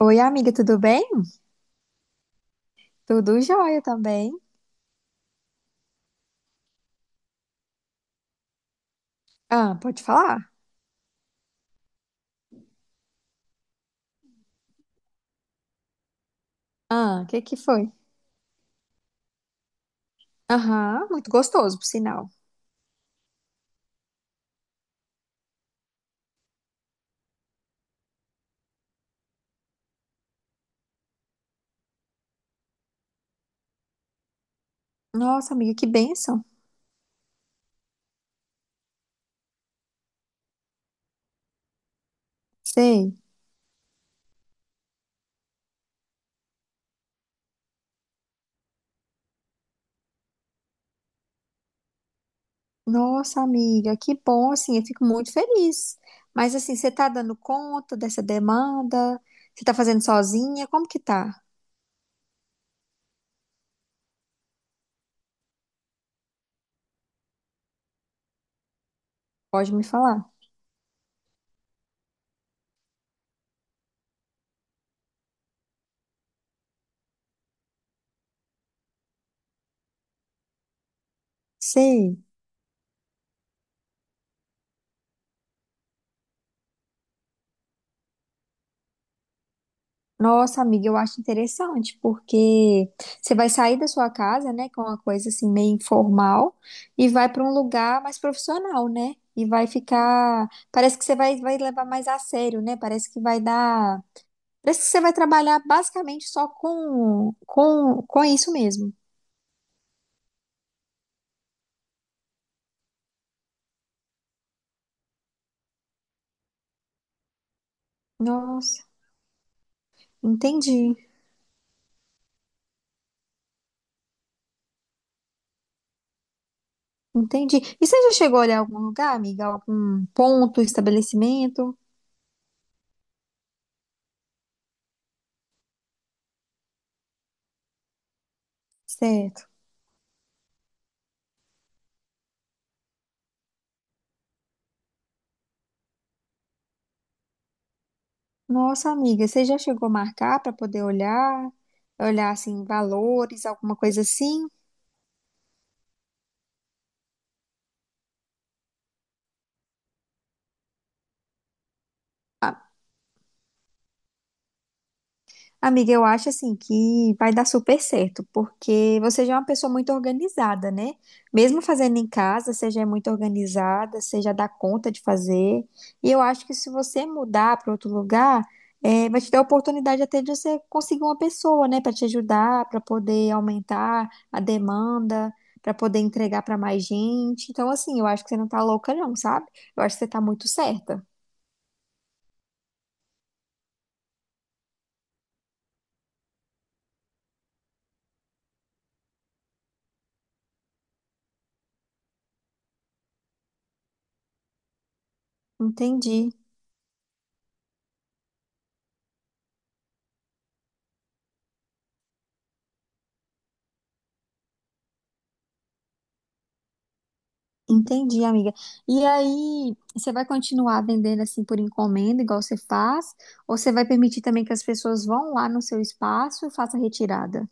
Oi, amiga, tudo bem? Tudo jóia também. Ah, pode falar? Ah, o que que foi? Aham, muito gostoso, por sinal. Nossa, amiga, que bênção. Sei. Nossa, amiga, que bom, assim, eu fico muito feliz. Mas, assim, você tá dando conta dessa demanda? Você tá fazendo sozinha? Como que tá? Pode me falar? Sei. Nossa, amiga, eu acho interessante, porque você vai sair da sua casa, né, com uma coisa assim meio informal e vai para um lugar mais profissional, né? E vai ficar, parece que você vai, vai levar mais a sério, né? Parece que vai dar, parece que você vai trabalhar basicamente só com isso mesmo. Nossa, entendi. Entendi. E você já chegou a olhar algum lugar, amiga? Algum ponto, estabelecimento? Certo. Nossa, amiga, você já chegou a marcar para poder olhar? Olhar assim, valores, alguma coisa assim? Amiga, eu acho assim que vai dar super certo, porque você já é uma pessoa muito organizada, né? Mesmo fazendo em casa, você já é muito organizada, você já dá conta de fazer. E eu acho que se você mudar para outro lugar, vai te dar a oportunidade até de você conseguir uma pessoa, né, para te ajudar, para poder aumentar a demanda, para poder entregar para mais gente. Então, assim, eu acho que você não tá louca, não, sabe? Eu acho que você tá muito certa. Entendi. Entendi, amiga. E aí, você vai continuar vendendo assim por encomenda, igual você faz? Ou você vai permitir também que as pessoas vão lá no seu espaço e façam a retirada?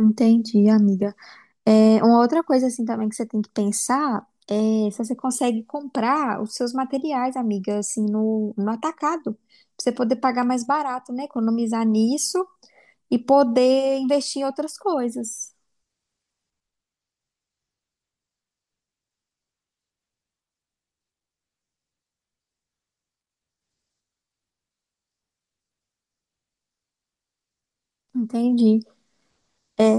Entendi, amiga. É, uma outra coisa assim também que você tem que pensar é se você consegue comprar os seus materiais, amiga, assim, no atacado, pra você poder pagar mais barato, né? Economizar nisso e poder investir em outras coisas. Entendi. É,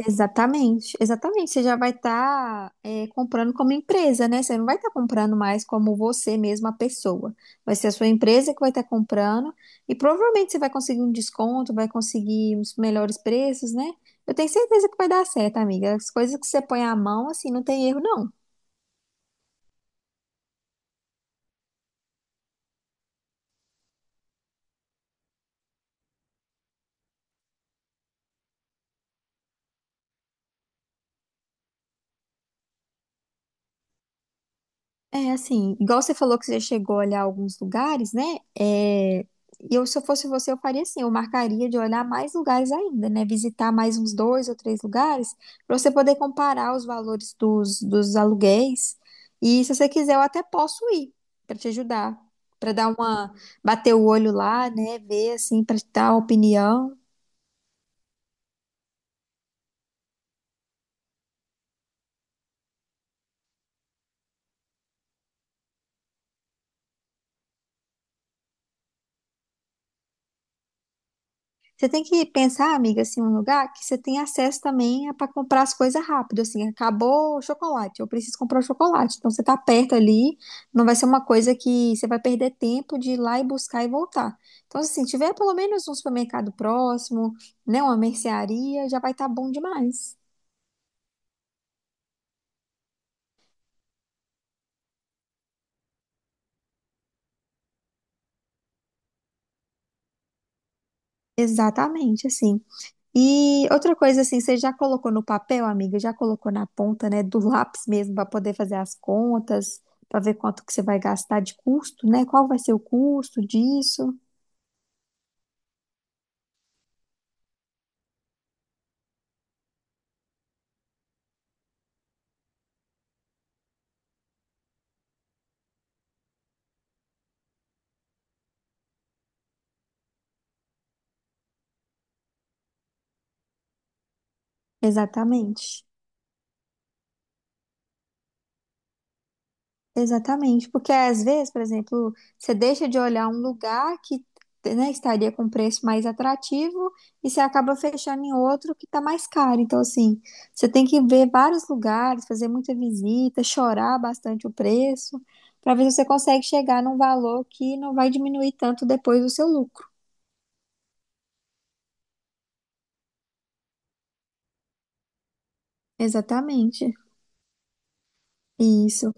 exatamente, exatamente. Você já vai estar comprando como empresa, né? Você não vai estar comprando mais como você mesma, a pessoa. Vai ser a sua empresa que vai estar comprando e provavelmente você vai conseguir um desconto, vai conseguir uns melhores preços, né? Eu tenho certeza que vai dar certo, amiga. As coisas que você põe a mão, assim, não tem erro, não. É assim, igual você falou que você chegou a olhar alguns lugares, né? É, eu, se eu fosse você, eu faria assim, eu marcaria de olhar mais lugares ainda, né? Visitar mais uns dois ou três lugares, para você poder comparar os valores dos aluguéis. E se você quiser, eu até posso ir para te ajudar, para dar uma, bater o olho lá, né? Ver assim, para dar uma opinião. Você tem que pensar, amiga, assim, um lugar que você tem acesso também para comprar as coisas rápido, assim, acabou o chocolate, eu preciso comprar o chocolate. Então você tá perto ali, não vai ser uma coisa que você vai perder tempo de ir lá e buscar e voltar. Então, assim, tiver pelo menos um supermercado próximo, né, uma mercearia, já vai estar bom demais. Exatamente, assim. E outra coisa assim, você já colocou no papel, amiga? Já colocou na ponta, né, do lápis mesmo para poder fazer as contas, para ver quanto que você vai gastar de custo, né? Qual vai ser o custo disso? Exatamente. Exatamente, porque às vezes, por exemplo, você deixa de olhar um lugar que, né, estaria com preço mais atrativo e você acaba fechando em outro que está mais caro. Então, assim, você tem que ver vários lugares, fazer muita visita, chorar bastante o preço, para ver se você consegue chegar num valor que não vai diminuir tanto depois o seu lucro. Exatamente. Isso.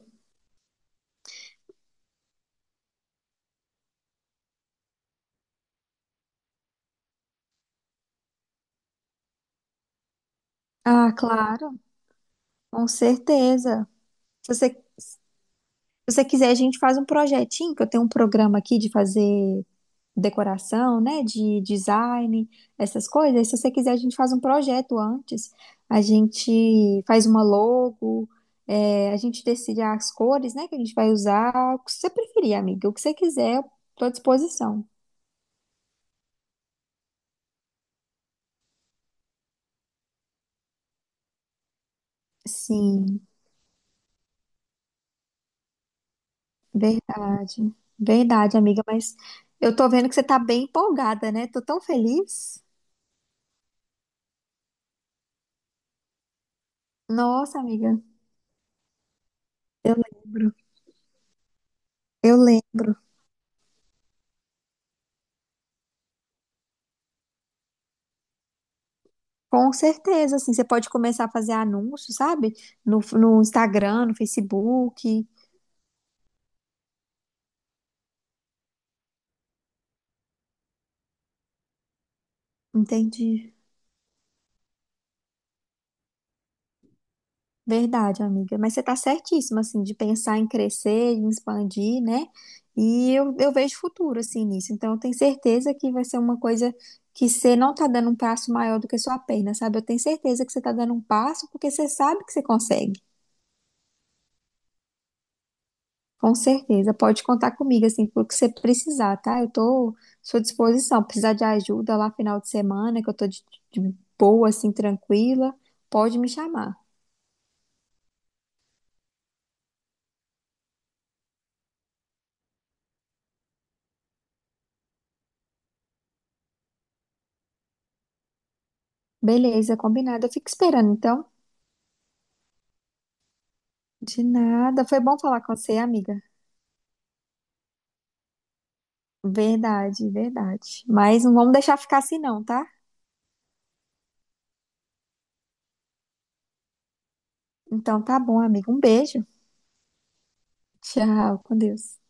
Ah, claro, com certeza. Se você, se você quiser, a gente faz um projetinho, que eu tenho um programa aqui de fazer decoração, né, de design, essas coisas. Se você quiser, a gente faz um projeto antes. A gente faz uma logo, é, a gente decide as cores, né, que a gente vai usar, o que você preferir, amiga, o que você quiser, eu tô à disposição. Sim, verdade. Verdade, amiga, mas eu tô vendo que você tá bem empolgada, né? Tô tão feliz. Nossa, amiga, eu lembro. Eu lembro. Com certeza, assim, você pode começar a fazer anúncios, sabe? No Instagram, no Facebook. Entendi. Verdade, amiga. Mas você tá certíssima, assim, de pensar em crescer, em expandir, né? E eu vejo futuro, assim, nisso. Então, eu tenho certeza que vai ser uma coisa que você não tá dando um passo maior do que a sua perna, sabe? Eu tenho certeza que você tá dando um passo porque você sabe que você consegue. Com certeza, pode contar comigo, assim, pelo que você precisar, tá? Eu tô à sua disposição. Precisar de ajuda lá final de semana, que eu tô de boa, assim, tranquila, pode me chamar. Beleza, combinado. Eu fico esperando, então. De nada. Foi bom falar com você, amiga. Verdade, verdade. Mas não vamos deixar ficar assim, não, tá? Então tá bom, amiga. Um beijo. Tchau, com Deus.